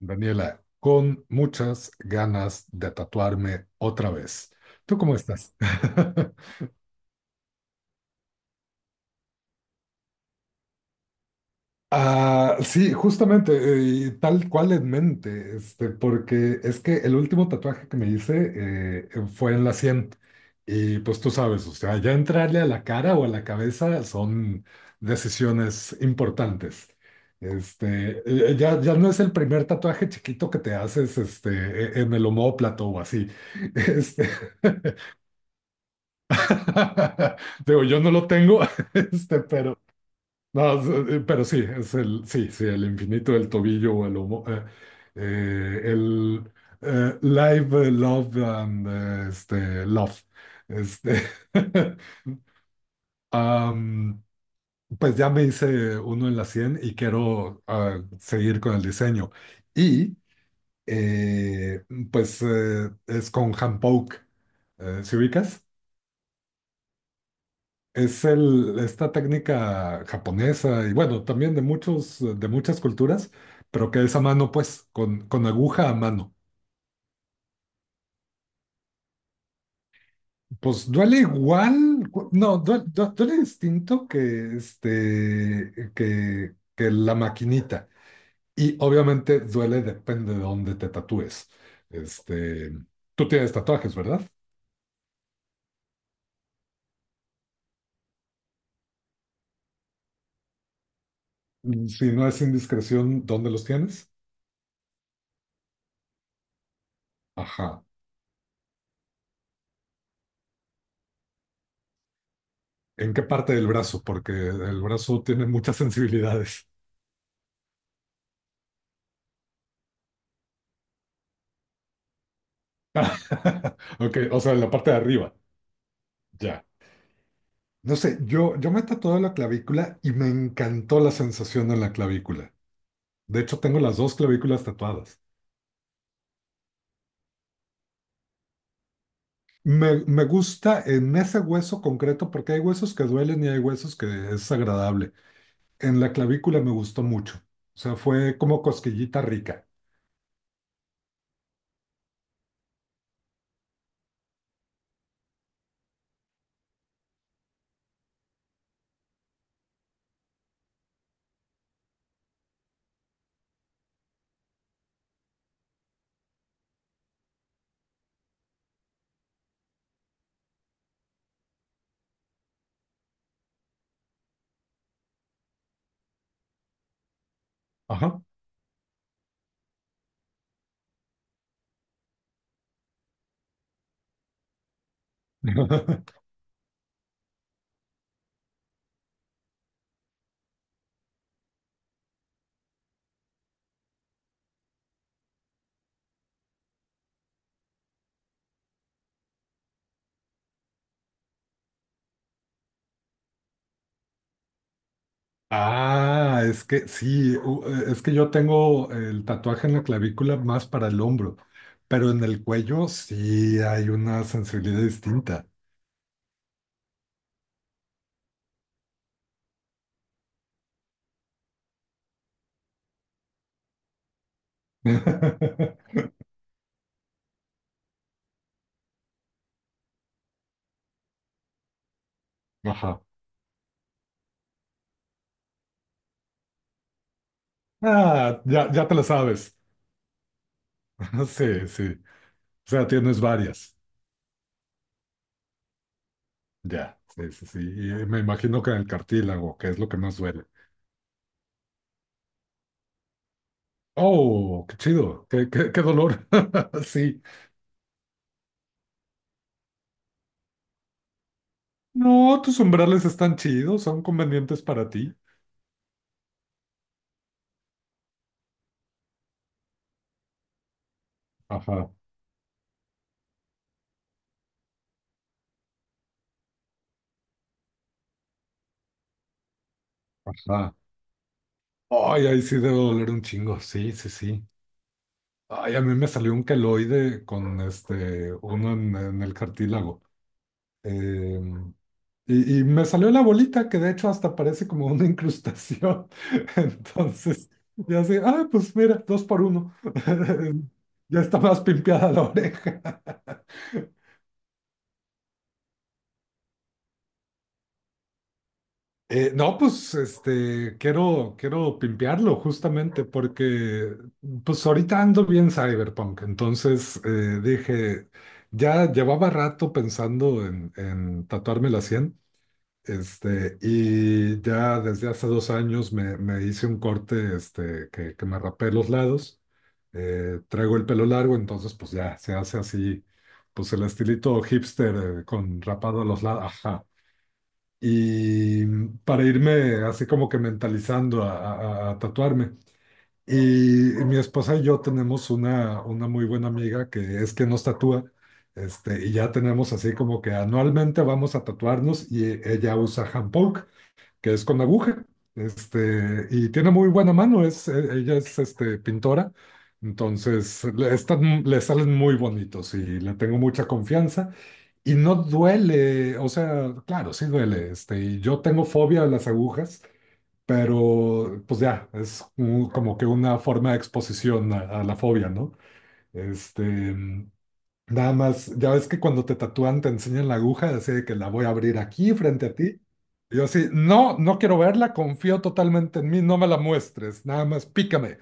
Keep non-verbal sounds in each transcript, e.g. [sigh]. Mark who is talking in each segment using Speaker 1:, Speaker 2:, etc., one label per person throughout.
Speaker 1: Daniela, con muchas ganas de tatuarme otra vez. ¿Tú cómo estás? [laughs] Ah, sí, justamente, y tal cual en mente, porque es que el último tatuaje que me hice fue en la sien. Y pues tú sabes, o sea, ya entrarle a la cara o a la cabeza son decisiones importantes. Este, ya no es el primer tatuaje chiquito que te haces en el omóplato o así. [laughs] Este, [laughs] Digo, yo no lo tengo, [laughs] pero, no, pero sí, es el, sí, sí, el infinito del tobillo o el live, love and love. Este, [laughs] am, pues ya me hice uno en la 100 y quiero seguir con el diseño. Y eh, pues es con Hand. ¿Sí ubicas? Esta técnica japonesa y bueno, también de muchos, de muchas culturas, pero que es a mano, pues, con aguja a mano. Pues duele igual, no, duele distinto que la maquinita. Y obviamente duele depende de dónde te tatúes. Este, Tú tienes tatuajes, ¿verdad? Si no es indiscreción, ¿dónde los tienes? Ajá. ¿En qué parte del brazo? Porque el brazo tiene muchas sensibilidades. [laughs] Ok, o sea, en la parte de arriba, ya. No sé, yo me tatué la clavícula y me encantó la sensación en la clavícula. De hecho, tengo las dos clavículas tatuadas. Me gusta en ese hueso concreto porque hay huesos que duelen y hay huesos que es agradable. En la clavícula me gustó mucho. O sea, fue como cosquillita rica. Ajá. [laughs] Ah, es que sí, es que yo tengo el tatuaje en la clavícula más para el hombro, pero en el cuello sí hay una sensibilidad distinta. [laughs] Ajá. Ah, ya, ya te lo sabes. [laughs] Sí, sí. O sea, tienes varias. Ya, sí, sí, sí. Y me imagino que en el cartílago, que es lo que más duele. Oh, qué chido, qué dolor. [laughs] Sí. No, tus umbrales están chidos, son convenientes para ti. Ajá, ajá. Ay, ahí sí debe doler un chingo, sí, sí, sí. Ay, a mí me salió un queloide con uno en, el cartílago. Em, y me salió la bolita, que de hecho hasta parece como una incrustación. [laughs] Entonces, ya sé, pues mira, dos por uno. [laughs] Ya está más pimpeada la oreja. No, pues quiero pimpearlo justamente porque pues ahorita ando bien cyberpunk, entonces dije, ya llevaba rato pensando en tatuarme la sien, y ya desde hace 2 años me hice un corte que me rapé los lados, traigo el pelo largo, entonces pues ya se hace así, pues el estilito hipster con rapado a los lados, y para irme así como que mentalizando a tatuarme. Y mi esposa y yo tenemos una muy buena amiga que es que nos tatúa, y ya tenemos así como que anualmente vamos a tatuarnos y ella usa hand poke, que es con aguja, y tiene muy buena mano, ella es pintora, entonces le salen muy bonitos y le tengo mucha confianza. Y no duele, o sea, claro, sí duele, y yo tengo fobia a las agujas, pero pues ya, es como que una forma de exposición a la fobia, ¿no? Este, mm, nada más, ya ves que cuando te tatúan te enseñan la aguja, así de que la voy a abrir aquí frente a ti. Y yo así, no, no quiero verla, confío totalmente en mí, no me la muestres, nada más pícame,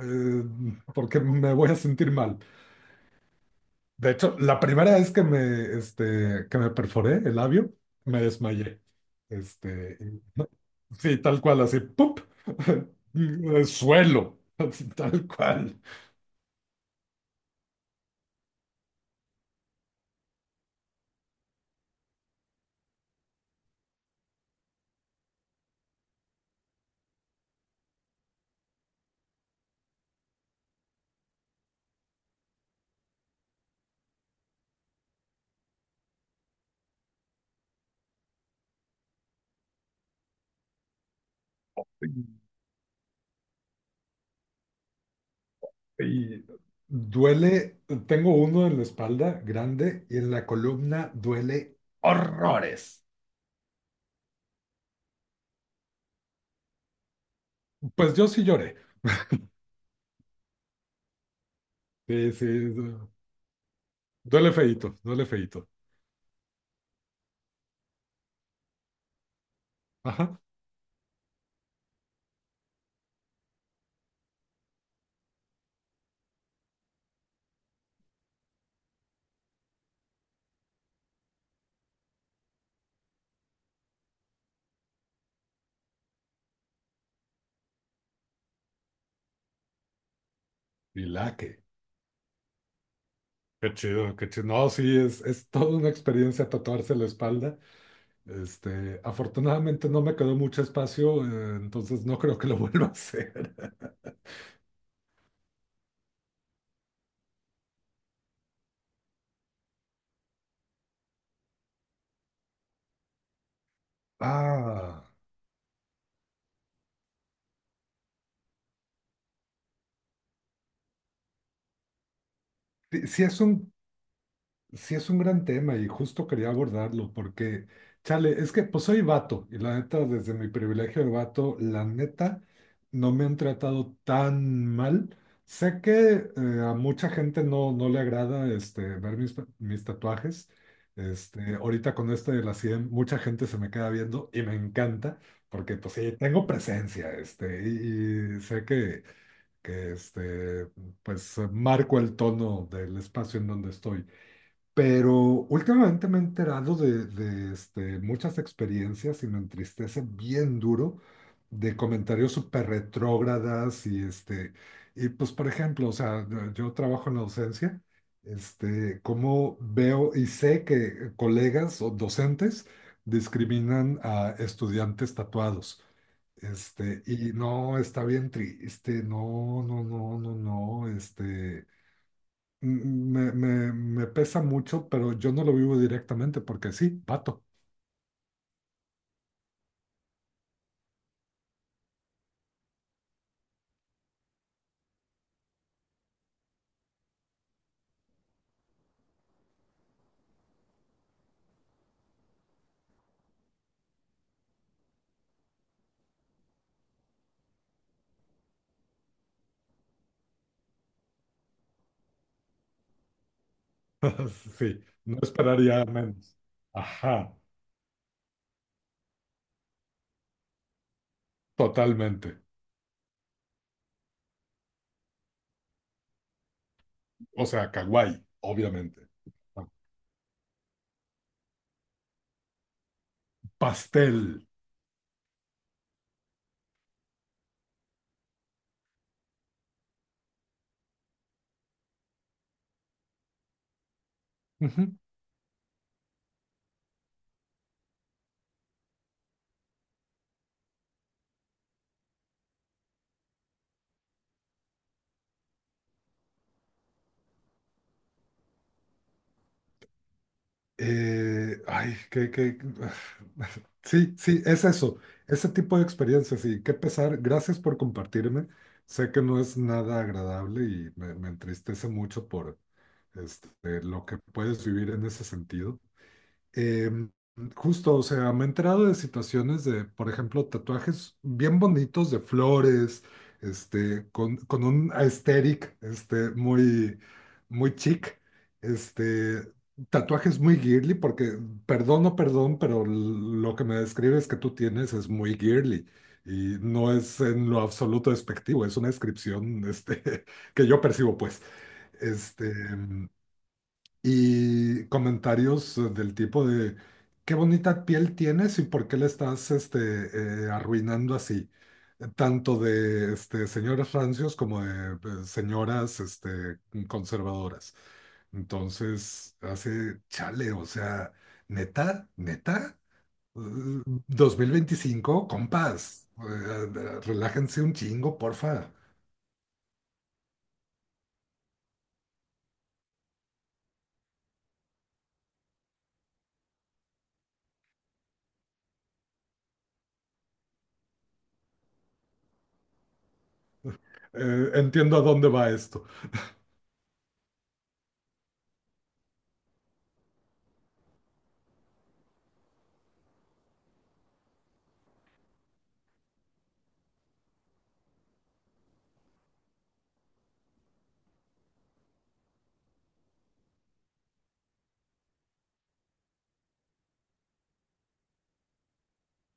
Speaker 1: eh, porque me voy a sentir mal. De hecho, la primera vez que me perforé el labio, me desmayé. Este, y- sí, tal cual, así, ¡pup! [laughs] El suelo, así, tal cual. Y duele, tengo uno en la espalda grande y en la columna duele horrores. Pues yo sí lloré. Sí, sí, duele feíto, duele feíto. Ajá. Y la que. Qué chido, qué chido. No, sí, es toda una experiencia tatuarse la espalda. Afortunadamente no me quedó mucho espacio, entonces no creo que lo [laughs] vuelva a hacer. Ah, sí. Sí, es un gran tema y justo quería abordarlo porque, chale, es que pues soy vato y la neta, desde mi privilegio de vato, la neta, no me han tratado tan mal. Sé que a mucha gente no le agrada ver mis, tatuajes. Ahorita con este de la 100 mucha gente se me queda viendo y me encanta porque pues sí, tengo presencia y, sé que pues marco el tono del espacio en donde estoy. Pero últimamente me he enterado de muchas experiencias y me entristece bien duro de comentarios súper retrógradas y y pues por ejemplo, o sea, yo trabajo en la docencia, cómo veo y sé que colegas o docentes discriminan a estudiantes tatuados. Y no, está bien triste, no, no, no, no, no, me pesa mucho, pero yo no lo vivo directamente porque sí, pato. [laughs] Sí, no esperaría menos. Ajá, totalmente. O sea, kawaii, obviamente. Pastel. Ujú. Ay, [laughs] Sí, sí, es eso. Ese tipo de experiencias y qué pesar. Gracias por compartirme. Sé que no es nada agradable y me entristece mucho por este, lo que puedes vivir en ese sentido. Eh, Justo, o sea, me he enterado de situaciones de, por ejemplo, tatuajes bien bonitos de flores, con un aesthetic, muy, muy chic, este, tatuajes muy girly, porque, perdón o perdón, pero lo que me describes que tú tienes es muy girly. Y no es en lo absoluto despectivo, es una descripción, [laughs] que yo percibo, pues. Este, em, y comentarios del tipo de qué bonita piel tienes y por qué la estás arruinando así. Tanto de señoras rancios como de señoras conservadoras. Entonces, hace chale, o sea, neta, neta. Eh, 2025, compas, relájense un chingo, porfa. Entiendo a dónde va esto.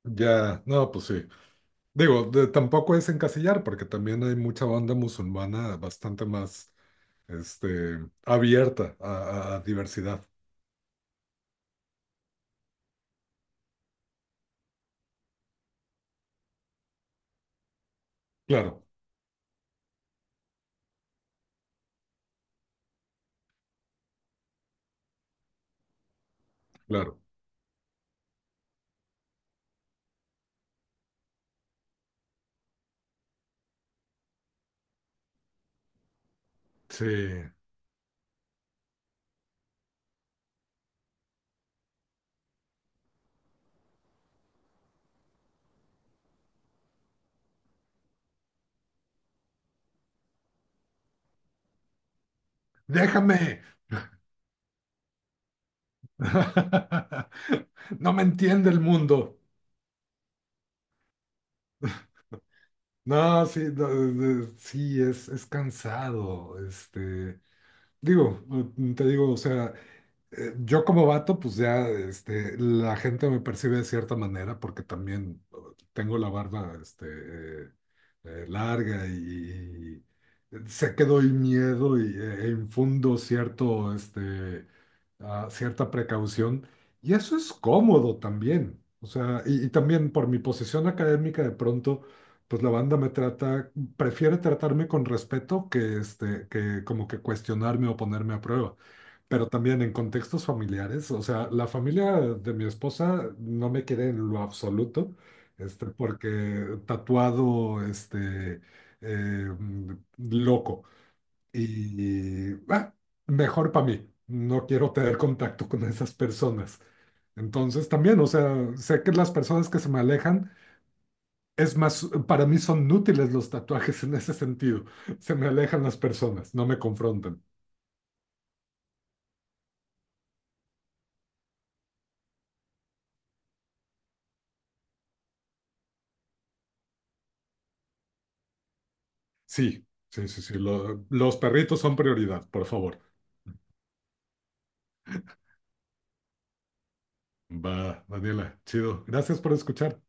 Speaker 1: Ya, no, pues sí. Digo, tampoco es encasillar, porque también hay mucha banda musulmana bastante más, este, abierta a diversidad. Claro, claro. Sí. ¡Déjame! [laughs] No me entiende el mundo. No, sí, no, sí, es cansado. Digo, te digo, o sea, yo como vato, pues ya la gente me percibe de cierta manera porque también tengo la barba larga y sé que doy miedo y, e infundo cierto, cierta precaución. Y eso es cómodo también. O sea, y también por mi posición académica, de pronto, pues la banda me trata, prefiere tratarme con respeto que como que cuestionarme o ponerme a prueba. Pero también en contextos familiares, o sea, la familia de mi esposa no me quiere en lo absoluto, porque tatuado, eh, loco. Y mejor para mí, no quiero tener contacto con esas personas. Entonces también, o sea, sé que las personas que se me alejan, es más, para mí son útiles los tatuajes en ese sentido. Se me alejan las personas, no me confrontan. Sí, sí, sí, sí. Los perritos son prioridad, por favor. Va, Daniela, chido. Gracias por escuchar.